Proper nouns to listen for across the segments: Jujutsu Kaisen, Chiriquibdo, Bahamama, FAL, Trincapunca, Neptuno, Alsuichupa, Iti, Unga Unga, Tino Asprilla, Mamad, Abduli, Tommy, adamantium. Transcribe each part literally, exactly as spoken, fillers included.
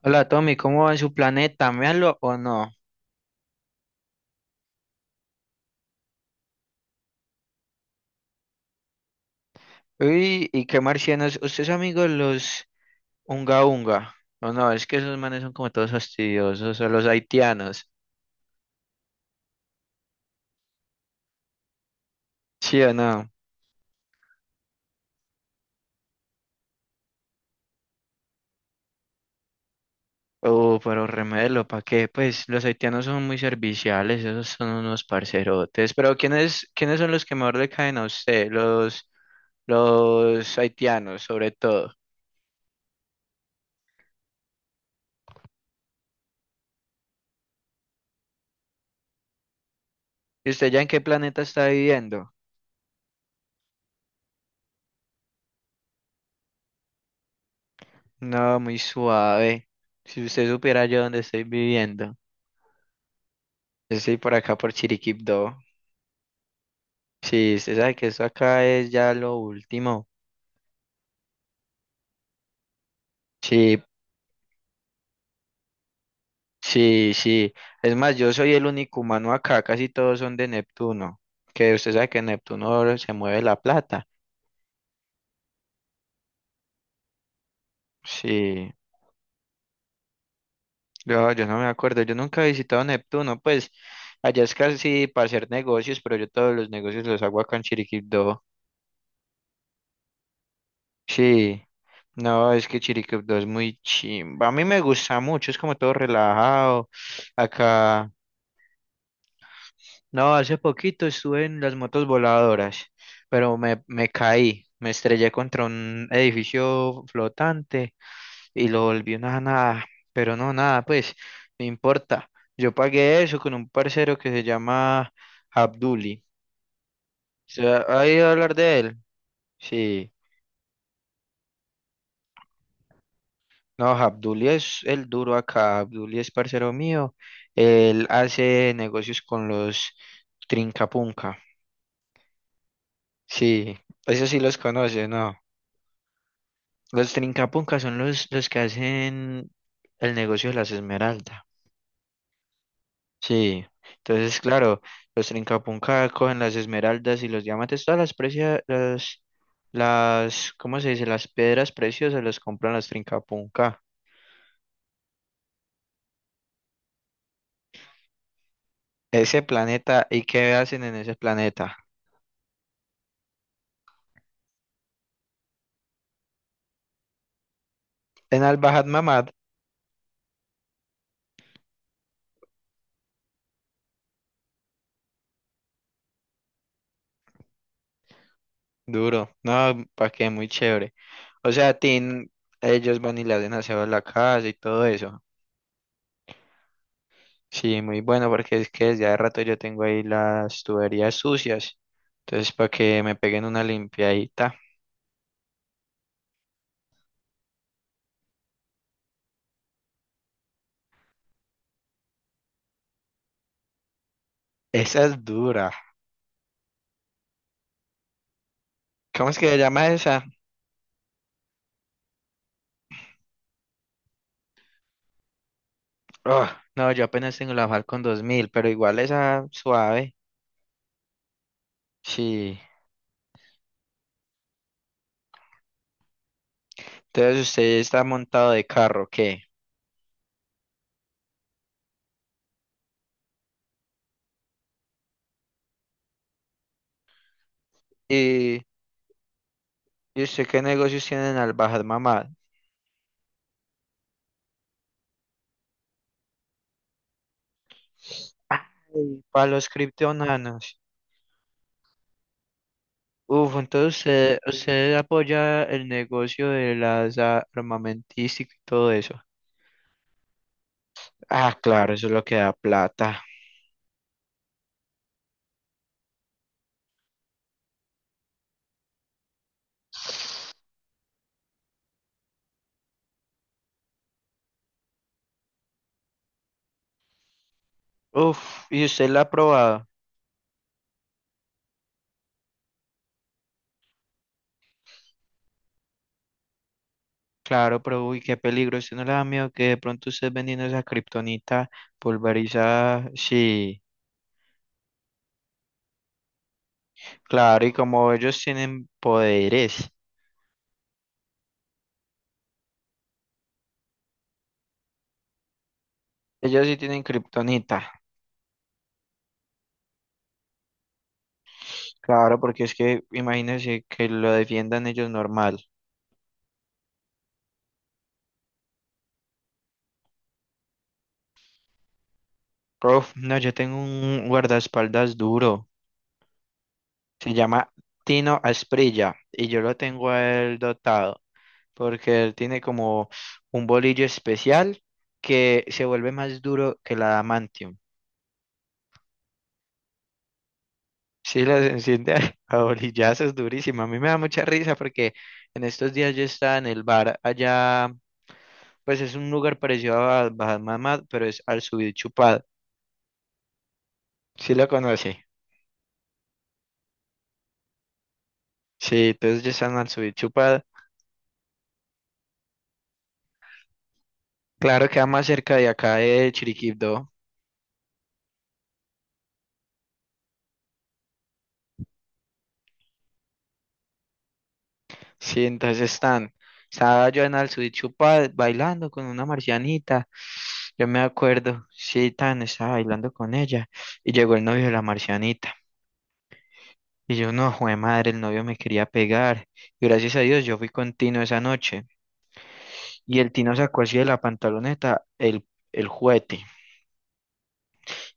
Hola Tommy, ¿cómo va en su planeta? ¿Méalo o no? Uy, ¿y qué marcianos? ¿Usted es amigo de los Unga Unga? ¿O no? Es que esos manes son como todos fastidiosos, o los haitianos. ¿Sí o no? Oh, pero remelo, ¿para qué? Pues los haitianos son muy serviciales, esos son unos parcerotes. Pero ¿quiénes, quiénes son los que mejor le caen a usted? Los, los haitianos, sobre todo. ¿Y usted ya en qué planeta está viviendo? No, muy suave. Si usted supiera yo dónde estoy viviendo. Yo estoy por acá por Chiriquipdo. Sí, usted sabe que eso acá es ya lo último. Sí, sí, sí. Es más, yo soy el único humano acá, casi todos son de Neptuno. Que usted sabe que en Neptuno se mueve la plata. Sí, yo, yo no me acuerdo, yo nunca he visitado Neptuno, pues allá es casi para hacer negocios, pero yo todos los negocios los hago acá en Chiriquipdo. Sí, no, es que Chiriquipdo es muy chimba. A mí me gusta mucho, es como todo relajado. Acá. No, hace poquito estuve en las motos voladoras, pero me, me caí, me estrellé contra un edificio flotante y lo volví una nada, pero no, nada, pues, no importa. Yo pagué eso con un parcero que se llama Abduli. ¿Se ha ha ido a hablar de él? Sí. No, Abduli es el duro acá, Abduli es parcero mío, él hace negocios con los Trincapunca. Sí, eso sí los conoce, ¿no? Los Trincapunca son los, los que hacen el negocio de las esmeraldas. Sí, entonces, claro, los Trincapunca cogen las esmeraldas y los diamantes, todas las precias, las, las, ¿cómo se dice? Las piedras preciosas las compran los Trincapunca. Ese planeta, ¿y qué hacen en ese planeta? En al Mamad, duro, no, pa' qué, muy chévere. O sea, Tin, ellos van y le hacen aseo a la casa y todo eso. Sí, muy bueno, porque es que desde hace rato yo tengo ahí las tuberías sucias. Entonces, para que me peguen una limpiadita. Esa es dura. ¿Cómo es que se llama esa? Oh, no, yo apenas tengo la F A L dos mil pero igual esa suave. Sí. Entonces, usted está montado de carro, ¿qué? ¿Y y usted qué negocios tienen al bajar mamá? Ay, para los criptonanos. Uf, entonces usted, usted apoya el negocio de las armamentísticas y todo eso. Ah, claro, eso es lo que da plata. Uf, ¿y usted la ha probado? Claro, pero uy, qué peligro. ¿Usted no le da miedo que de pronto usted vendiendo esa kriptonita pulverizada? Sí, claro, y como ellos tienen poderes, ellos sí tienen kriptonita. Claro, porque es que imagínense que lo defiendan ellos normal. Prof, no, yo tengo un guardaespaldas duro. Se llama Tino Asprilla y yo lo tengo a él dotado. Porque él tiene como un bolillo especial que se vuelve más duro que la adamantium. Sí, las enciende a a bolillazos durísimo. A mí me da mucha risa porque en estos días yo estaba en el bar allá, pues es un lugar parecido a Bahamama, pero es al subir chupado. Sí lo conoce. Sí, entonces ya están al subir chupado. Claro, queda más cerca de acá de Chiriquibdo. Sí, entonces están, estaba yo en Alsuichupa bailando con una marcianita, yo me acuerdo, sí, tan, estaba bailando con ella y llegó el novio de la marcianita y yo no, jue madre, el novio me quería pegar y gracias a Dios yo fui con Tino esa noche y el Tino sacó así de la pantaloneta el, el juguete.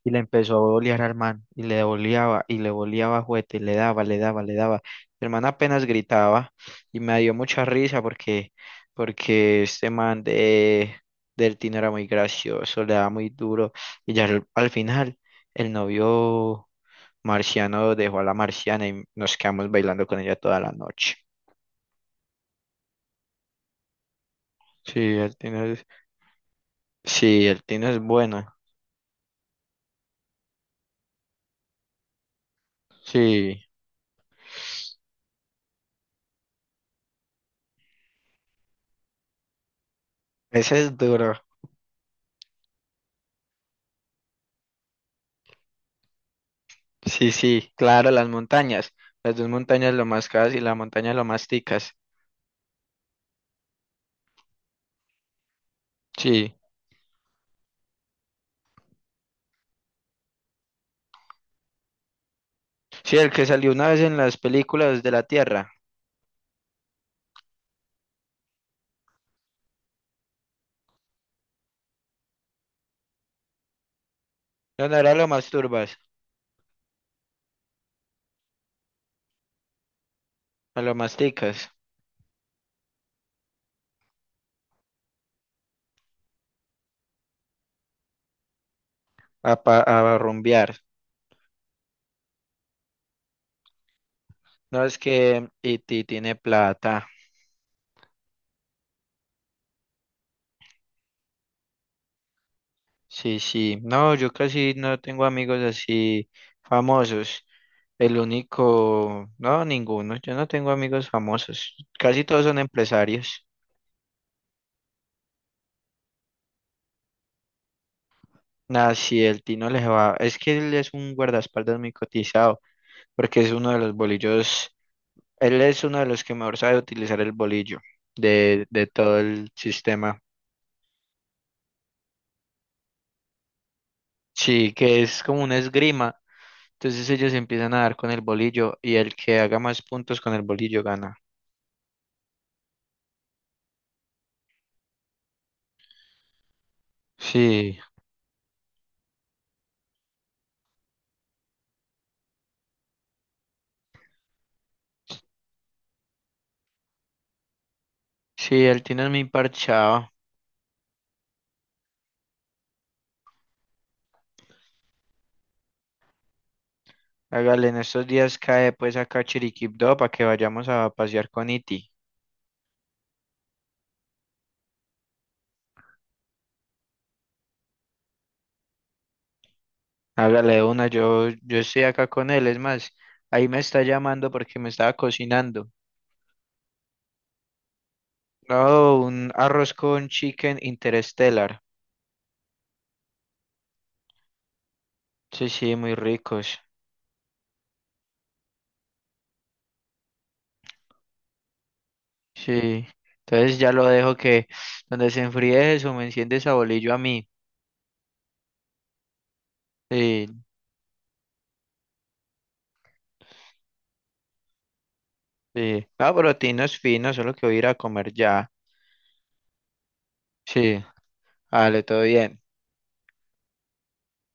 Y le empezó a bolear al man, y le boleaba, y le boleaba juguete, y le daba, le daba, le daba. El man apenas gritaba, y me dio mucha risa porque, porque este man de, del Tino era muy gracioso, le daba muy duro, y ya al, al final, el novio marciano dejó a la marciana y nos quedamos bailando con ella toda la noche. Sí, el Tino es, sí, el Tino es bueno, sí, ese es duro. Sí, sí, claro, las montañas. Las dos montañas lo más cas y la montaña lo más ticas. Sí. Sí, el que salió una vez en las películas de la Tierra. No, no era lo más turbas, a lo más ticas, a, pa- a rumbear. No, es que Iti tiene plata. Sí, sí. No, yo casi no tengo amigos así famosos. El único, no, ninguno. Yo no tengo amigos famosos. Casi todos son empresarios. Nah, sí, el Tino le va. Es que él es un guardaespaldas muy cotizado. Porque es uno de los bolillos, él es uno de los que mejor sabe utilizar el bolillo de, de todo el sistema. Sí, que es como una esgrima. Entonces ellos empiezan a dar con el bolillo y el que haga más puntos con el bolillo gana. Sí, sí, el Tino es muy parchado. Hágale, en estos días cae pues acá a Chiriquipó para que vayamos a pasear con Iti. Hágale de una, yo, yo estoy acá con él, es más, ahí me está llamando porque me estaba cocinando. Oh, un arroz con chicken interstellar. Sí, sí, muy ricos. Sí. Entonces ya lo dejo que donde se enfríe eso, me enciende esa bolillo a mí. Sí, sí. Ah, pero Tino es fino, solo que voy a ir a comer ya. Sí, vale, todo bien.